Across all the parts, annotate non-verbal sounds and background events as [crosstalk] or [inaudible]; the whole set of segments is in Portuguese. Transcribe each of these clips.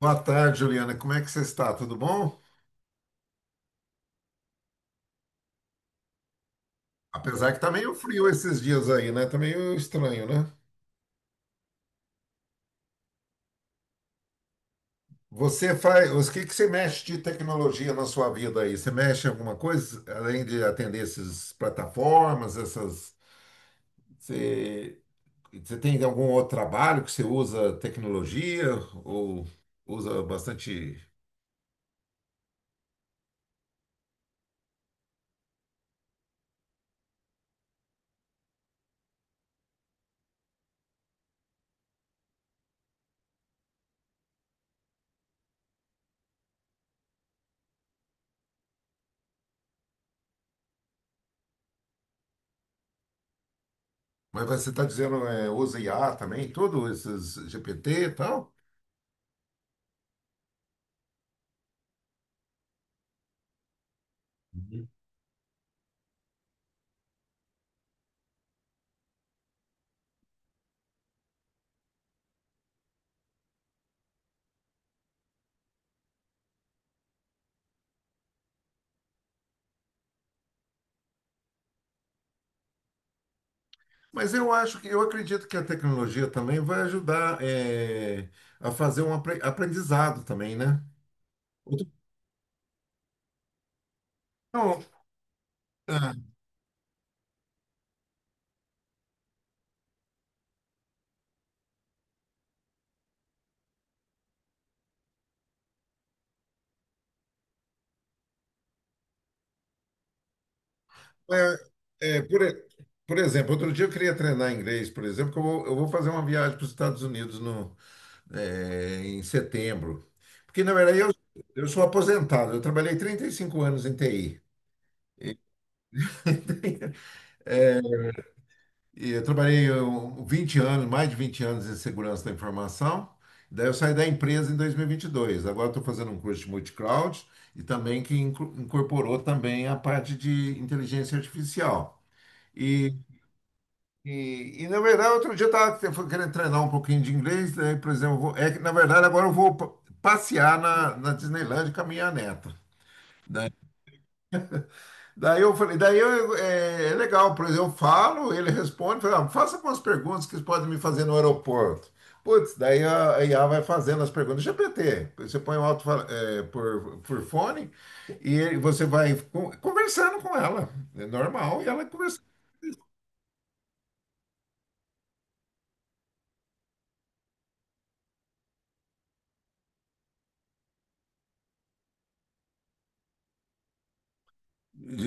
Boa tarde, Juliana. Como é que você está? Tudo bom? Apesar que tá meio frio esses dias aí, né? Tá meio estranho, né? Você faz, o que que você mexe de tecnologia na sua vida aí? Você mexe em alguma coisa além de atender essas plataformas, essas você, você tem algum outro trabalho que você usa tecnologia ou usa bastante? Mas você está dizendo é, usa IA também, tudo esses GPT e tal? Mas eu acho que eu acredito que a tecnologia também vai ajudar a fazer um aprendizado também, né? Outro. Não, ah, é, por exemplo, outro dia eu queria treinar inglês, por exemplo, que eu vou fazer uma viagem para os Estados Unidos no, em setembro. Porque, na verdade, eu sou aposentado, eu trabalhei 35 anos em TI. E eu trabalhei 20 anos, mais de 20 anos em segurança da informação. Daí eu saí da empresa em dois mil e vinte e dois. Agora estou fazendo um curso de multicloud e também que incorporou também a parte de inteligência artificial. E, e, na verdade, outro dia eu estava querendo treinar um pouquinho de inglês. Daí, por exemplo, é que na verdade agora passear na Disneyland com a minha neta, né? Daí eu falei, é, é legal, por exemplo, eu falo, ele responde, fala, ah, faça algumas perguntas que vocês podem me fazer no aeroporto. Putz, daí a IA vai fazendo as perguntas. GPT, você põe o alto por fone e você vai conversando com ela, é normal, e ela conversando.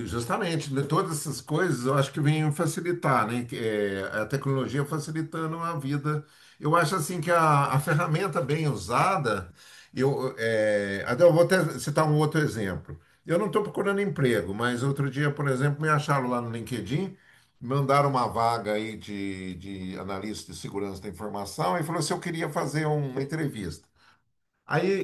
Justamente, né, todas essas coisas eu acho que vêm facilitar, né? Que, é, a tecnologia facilitando a vida. Eu acho assim que a ferramenta bem usada, até eu vou até citar um outro exemplo. Eu não estou procurando emprego, mas outro dia, por exemplo, me acharam lá no LinkedIn, mandaram uma vaga aí de analista de segurança da informação e falou se eu queria fazer uma entrevista. Aí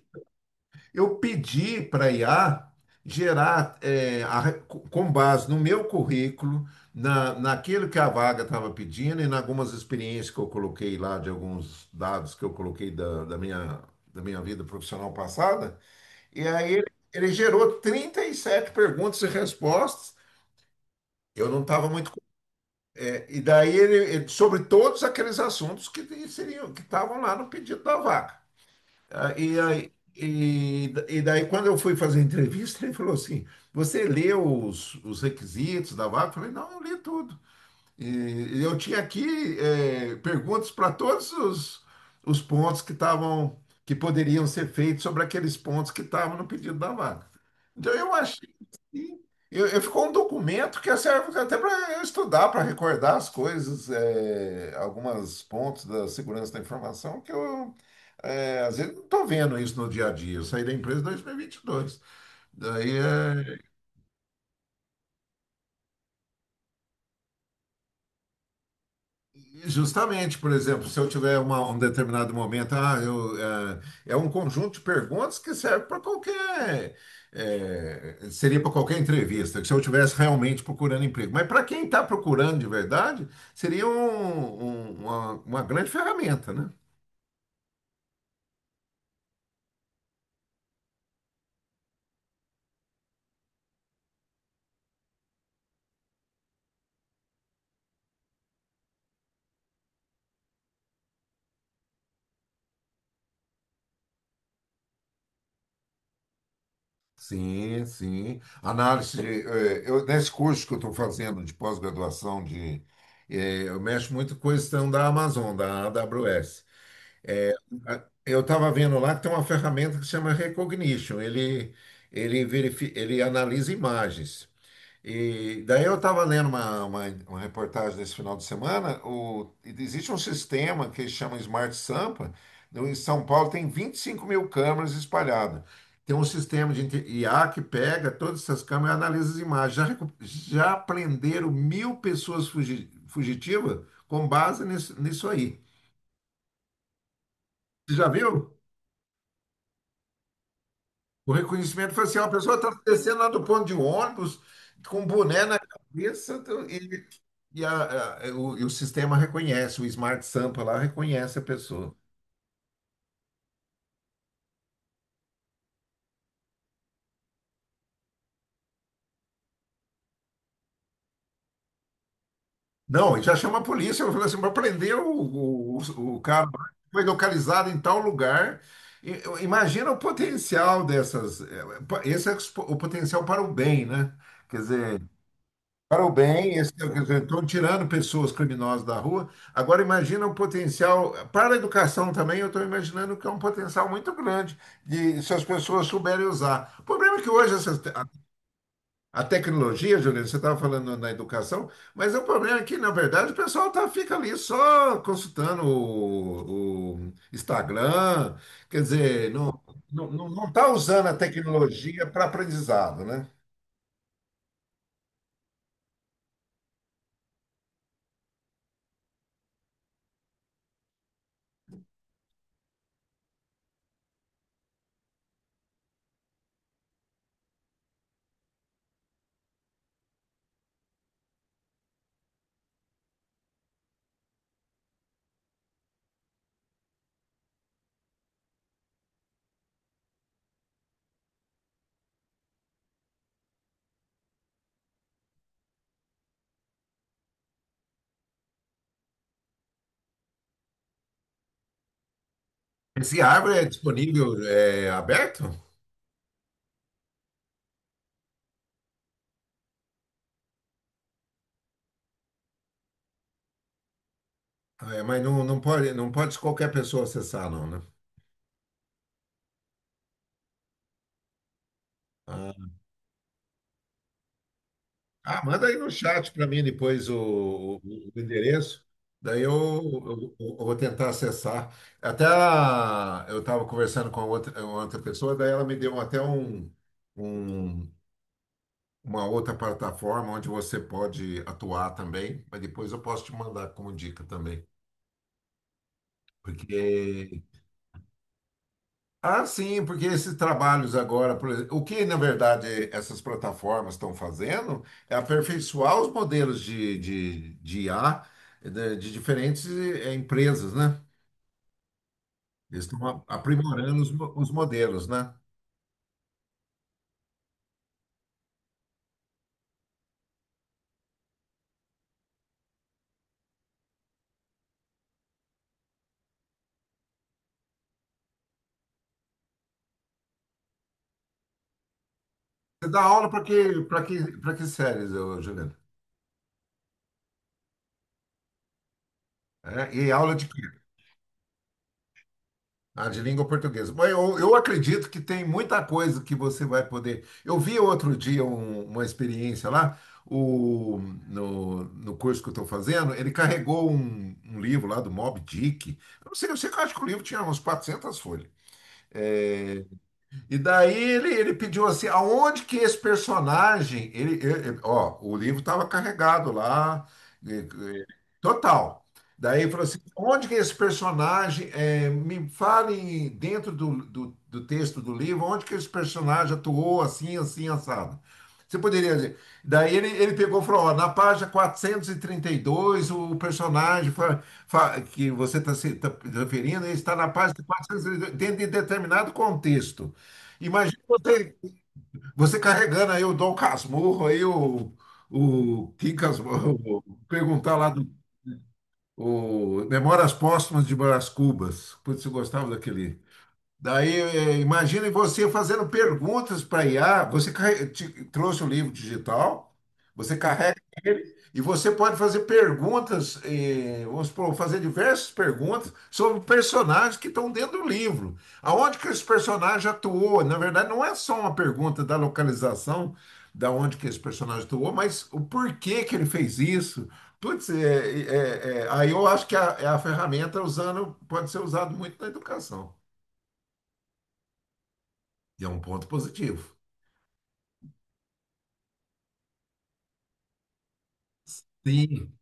eu pedi para a IA gerar, a com base no meu currículo, naquilo que a vaga estava pedindo e em algumas experiências que eu coloquei lá, de alguns dados que eu coloquei da minha vida profissional passada. E aí ele gerou 37 perguntas e respostas. Eu não estava muito. E daí sobre todos aqueles assuntos que seriam, que estavam lá no pedido da vaga. E daí, quando eu fui fazer a entrevista, ele falou assim: Você leu os requisitos da vaga? Eu falei: Não, eu li tudo. E eu tinha aqui perguntas para todos os pontos que estavam, que poderiam ser feitos sobre aqueles pontos que estavam no pedido da vaga. Então eu achei assim, ficou um documento que serve até para eu estudar, para recordar as coisas, eh, alguns pontos da segurança da informação que às vezes não estou vendo isso no dia a dia. Eu saí da empresa em 2022. Daí é, justamente, por exemplo, se eu tiver um determinado momento, ah, é um conjunto de perguntas que serve para qualquer, eh, seria para qualquer entrevista, que se eu estivesse realmente procurando emprego. Mas para quem está procurando de verdade, seria uma grande ferramenta, né? Sim, sim. Análise de, nesse curso que eu estou fazendo de pós-graduação de, eh, eu mexo muito com a questão da Amazon, da AWS. Eu estava vendo lá que tem uma ferramenta que chama Recognition. Ele analisa imagens. E daí eu estava lendo uma reportagem desse final de semana. O, existe um sistema que chama Smart Sampa. Em São Paulo tem 25 mil câmeras espalhadas. Tem um sistema de IA que pega todas essas câmeras e analisa as imagens. Já, já prenderam 1000 pessoas fugitivas com base nisso, nisso aí. Você já viu? O reconhecimento foi assim, ó, a pessoa está descendo lá do ponto de ônibus, com um boné na cabeça, e e o sistema reconhece, o Smart Sampa lá reconhece a pessoa. Não, e já chama a polícia, eu falo assim, para prender o cara, foi localizado em tal lugar. Imagina o potencial dessas, esse é o o potencial para o bem, né? Quer dizer, para o bem, esse- quer dizer, estão tirando pessoas criminosas da rua. Agora imagina o potencial, para a educação também, eu estou imaginando que é um potencial muito grande de, se as pessoas souberem usar. O problema é que hoje essas a tecnologia, Juliana, você estava falando na educação, mas o problema é que, na verdade, o pessoal tá, fica ali só consultando o Instagram, quer dizer, não, não tá usando a tecnologia para aprendizado, né? Esse árvore é disponível, é aberto? Ah, é, mas não, não pode, não pode qualquer pessoa acessar, não, né? Ah, manda aí no chat para mim depois o endereço. Daí eu vou tentar acessar. Até eu estava conversando com a outra, uma outra pessoa, daí ela me deu até um- uma outra plataforma onde você pode atuar também, mas depois eu posso te mandar como dica também. Porque ah, sim, porque esses trabalhos agora, por exemplo, o que na verdade essas plataformas estão fazendo é aperfeiçoar os modelos de IA de diferentes eh, empresas, né? Eles estão aprimorando os modelos, né? Você dá aula para que, para que, para que séries, ô, Juliana? É, e aula de quê? Ah, de língua portuguesa. Mas eu acredito que tem muita coisa que você vai poder. Eu vi outro dia uma experiência lá, o, no, no curso que eu estou fazendo, ele carregou um livro lá do Moby Dick. Eu não sei, eu sei que eu acho que o livro tinha uns 400 folhas. É, e daí ele pediu assim, aonde que esse personagem. Ó, o livro estava carregado lá. Total. Daí ele falou assim, onde que esse personagem, é, me fale dentro do texto do livro, onde que esse personagem atuou assim, assim, assado. Você poderia dizer. Daí ele pegou e falou, ó, na página 432 o personagem que você está se tá referindo, ele está na página 432, dentro de determinado contexto. Imagina você, você carregando aí o Dom Casmurro, aí o Kim Casmurro, [laughs] perguntar lá do o Memórias Póstumas de Brás Cubas. Putz, eu gostava daquele. Daí, eh, imagine você fazendo perguntas para IA. Você trouxe o livro digital, você carrega ele e você pode fazer perguntas, eh, vamos supor, fazer diversas perguntas sobre personagens que estão dentro do livro. Aonde que esse personagem atuou? Na verdade, não é só uma pergunta da localização, da onde que esse personagem atuou, mas o porquê que ele fez isso. Putz, eh, aí eu acho que é a ferramenta usando pode ser usada muito na educação. E é um ponto positivo. Sim.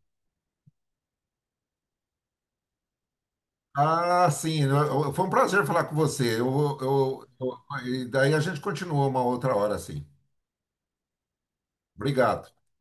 Ah, sim. Foi um prazer falar com você. Eu, vou- eu- e daí a gente continua uma outra hora, sim. Obrigado.